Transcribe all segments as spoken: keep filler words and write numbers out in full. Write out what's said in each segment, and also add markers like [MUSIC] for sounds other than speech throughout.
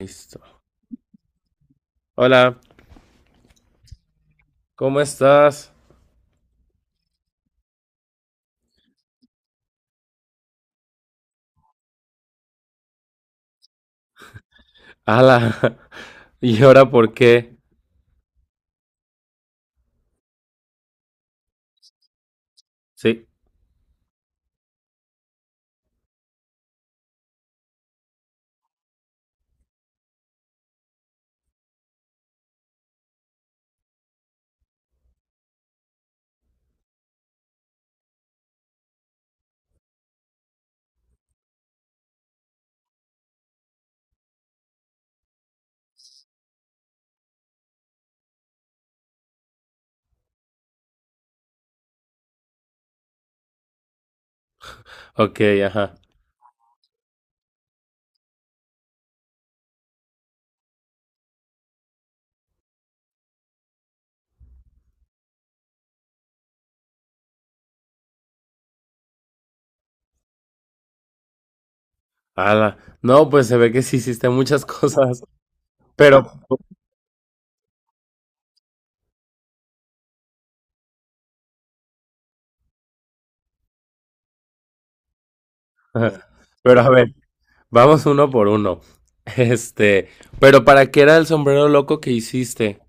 Listo. Hola, ¿cómo estás? Ala, [LAUGHS] ¿y ahora por qué? Sí, ok, ajá. Ala, no, pues se ve que sí hiciste muchas cosas, pero, [LAUGHS] pero a ver, vamos uno por uno. Este, pero ¿para qué era el sombrero loco que hiciste?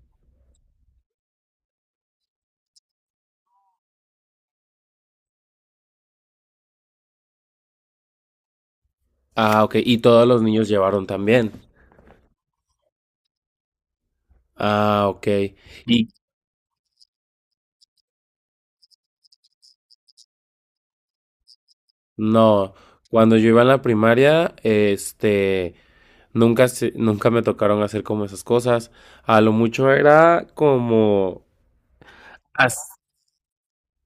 Ah, ok, y todos los niños llevaron también. Ah, ok. Y no, cuando yo iba a la primaria, este, nunca, se- nunca me tocaron hacer como esas cosas. A lo mucho era como... has-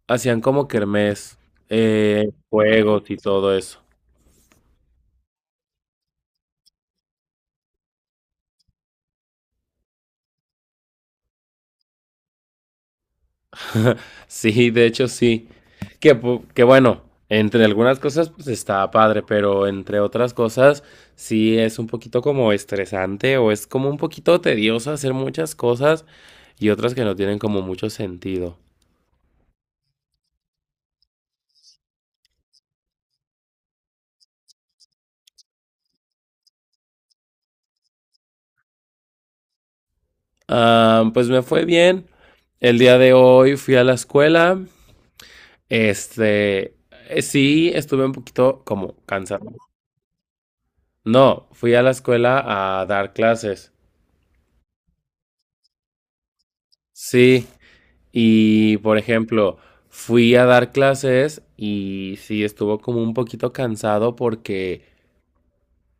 Hacían como kermés, eh, juegos y todo eso. [LAUGHS] Sí, de hecho sí. Que, pu- que bueno, entre algunas cosas pues está padre, pero entre otras cosas sí es un poquito como estresante o es como un poquito tedioso hacer muchas cosas y otras que no tienen como mucho sentido. Ah, pues me fue bien. El día de hoy fui a la escuela. Este, eh, sí, estuve un poquito como cansado. No, fui a la escuela a dar clases. Sí, y por ejemplo, fui a dar clases y sí estuvo como un poquito cansado porque,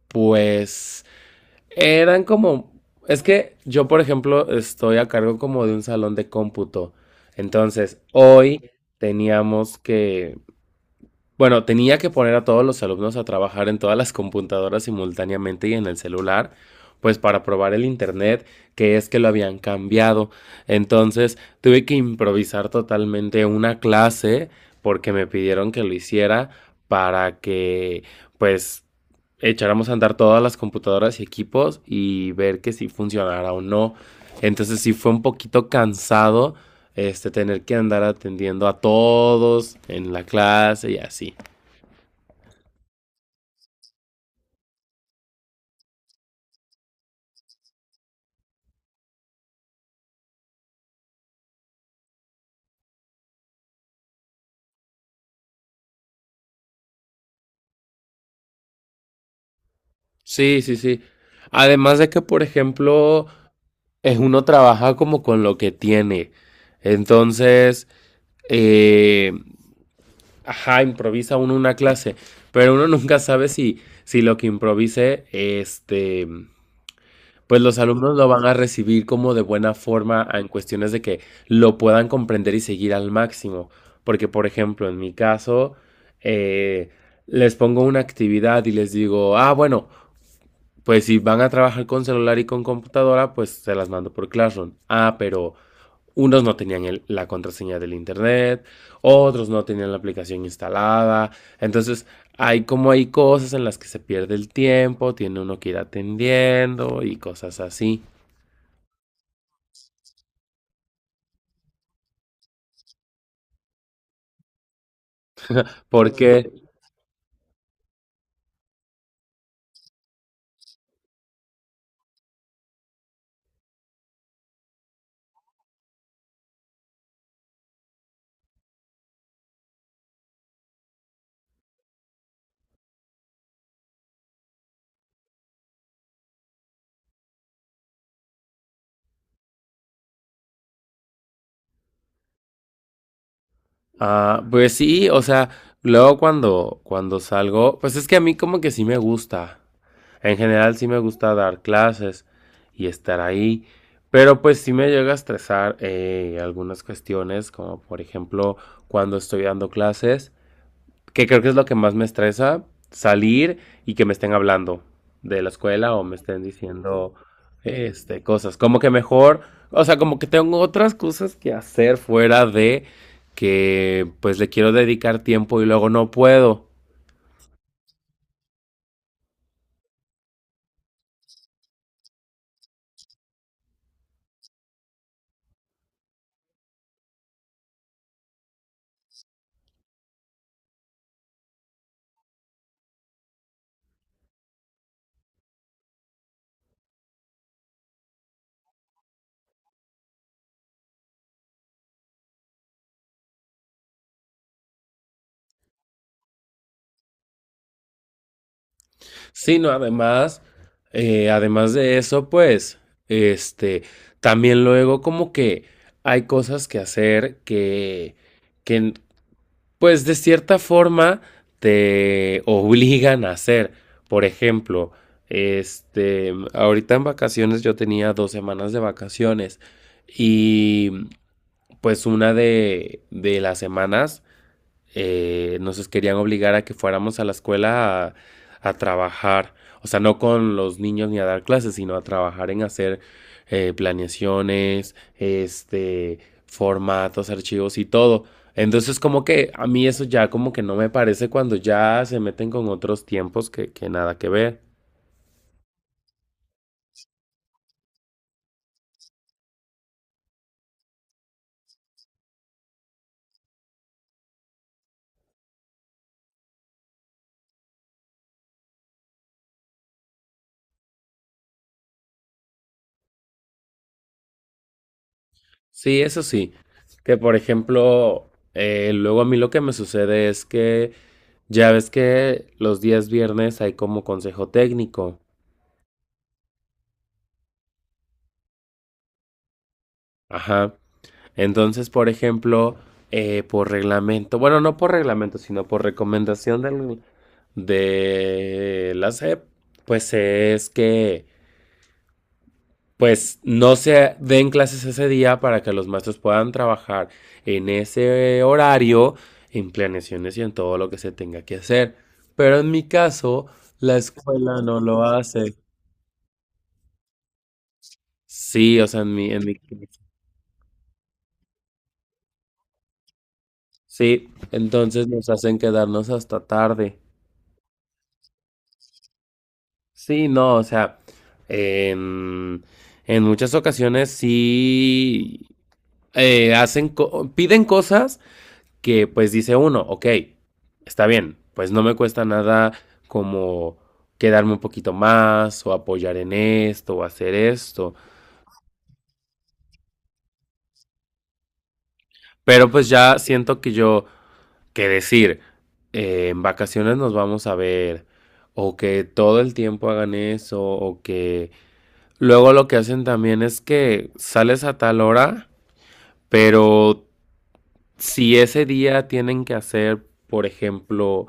pues, eran como... Es que yo, por ejemplo, estoy a cargo como de un salón de cómputo. Entonces, hoy teníamos que Bueno, tenía que poner a todos los alumnos a trabajar en todas las computadoras simultáneamente y en el celular, pues para probar el internet, que es que lo habían cambiado. Entonces, tuve que improvisar totalmente una clase porque me pidieron que lo hiciera para que, pues, echáramos a andar todas las computadoras y equipos y ver que si funcionara o no. Entonces, sí fue un poquito cansado este tener que andar atendiendo a todos en la clase y así. Sí, sí, sí. Además de que, por ejemplo, es uno trabaja como con lo que tiene. Entonces, eh, ajá, improvisa uno una clase, pero uno nunca sabe si, si lo que improvise, este, pues los alumnos lo van a recibir como de buena forma en cuestiones de que lo puedan comprender y seguir al máximo. Porque, por ejemplo, en mi caso, eh, les pongo una actividad y les digo, ah, bueno, pues si van a trabajar con celular y con computadora, pues se las mando por Classroom. Ah, pero unos no tenían el- la contraseña del internet, otros no tenían la aplicación instalada. Entonces, hay como hay cosas en las que se pierde el tiempo, tiene uno que ir atendiendo y cosas así. Porque, ah, pues sí, o sea, luego cuando, cuando salgo, pues es que a mí como que sí me gusta. En general sí me gusta dar clases y estar ahí, pero pues sí me llega a estresar eh, algunas cuestiones, como por ejemplo cuando estoy dando clases, que creo que es lo que más me estresa, salir y que me estén hablando de la escuela o me estén diciendo este, cosas. Como que mejor, o sea, como que tengo otras cosas que hacer fuera de que pues le quiero dedicar tiempo y luego no puedo. Sí, no, además, eh, además de eso, pues, este, también luego como que hay cosas que hacer que, que, pues, de cierta forma te obligan a hacer. Por ejemplo, este, ahorita en vacaciones yo tenía dos semanas de vacaciones y, pues, una de, de las semanas eh, nos querían obligar a que fuéramos a la escuela a, a, trabajar, o sea, no con los niños ni a dar clases, sino a trabajar en hacer eh, planeaciones, este, formatos, archivos y todo. Entonces como que a mí eso ya como que no me parece cuando ya se meten con otros tiempos que, que nada que ver. Sí, eso sí. Que por ejemplo, eh, luego a mí lo que me sucede es que ya ves que los días viernes hay como consejo técnico. Ajá. Entonces, por ejemplo, eh, por reglamento, bueno, no por reglamento, sino por recomendación del- de la S E P, pues es que pues no se den clases ese día para que los maestros puedan trabajar en ese horario, en planeaciones y en todo lo que se tenga que hacer. Pero en mi caso, la escuela no lo hace. Sí, o sea, en mi, en mi, sí, entonces nos hacen quedarnos hasta tarde. Sí, no, o sea, en, en muchas ocasiones sí eh, hacen co- piden cosas que pues dice uno, ok, está bien, pues no me cuesta nada como quedarme un poquito más o apoyar en esto o hacer esto, pero pues ya siento que yo, que decir, eh, en vacaciones nos vamos a ver o que todo el tiempo hagan eso o que... Luego lo que hacen también es que sales a tal hora. Pero si ese día tienen que hacer, por ejemplo,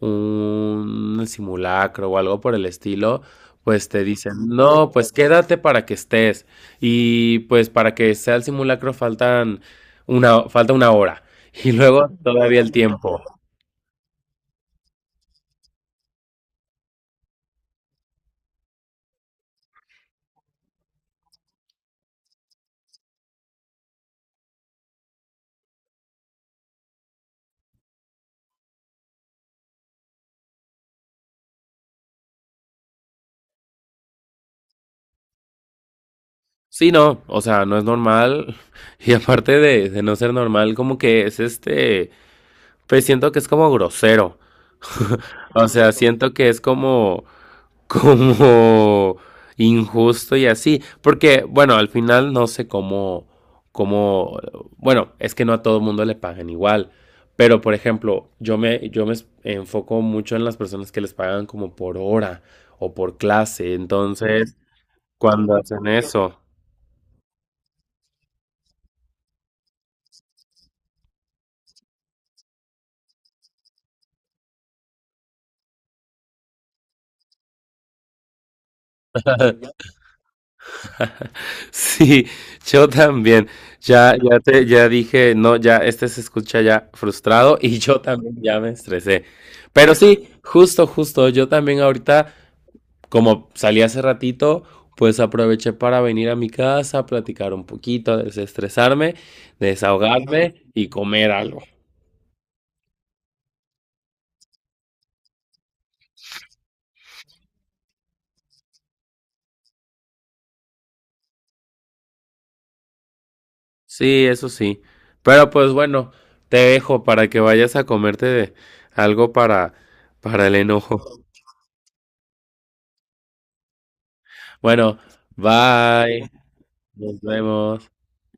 un simulacro o algo por el estilo, pues te dicen, no, pues quédate para que estés. Y pues para que sea el simulacro faltan una, falta una hora. Y luego todavía el tiempo. Sí, no, o sea, no es normal. [LAUGHS] Y aparte de, de no ser normal, como que es este, pues siento que es como grosero. O sea, siento que es como como injusto y así. Porque, bueno, al final no sé cómo, cómo, bueno, es que no a todo el mundo le pagan igual. Pero, por ejemplo, yo me, yo me enfoco mucho en las personas que les pagan como por hora o por clase. Entonces, cuando hacen eso. [LAUGHS] [LAUGHS] Sí, yo también. Ya, ya te, ya dije, no, ya este se escucha ya frustrado y yo también ya me estresé. Pero sí, justo, justo, yo también ahorita, como salí hace ratito, pues aproveché para venir a mi casa, platicar un poquito, desestresarme, desahogarme y comer algo. Sí, eso sí. Pero pues bueno, te dejo para que vayas a comerte algo para, para el enojo. Bueno, bye. Nos vemos.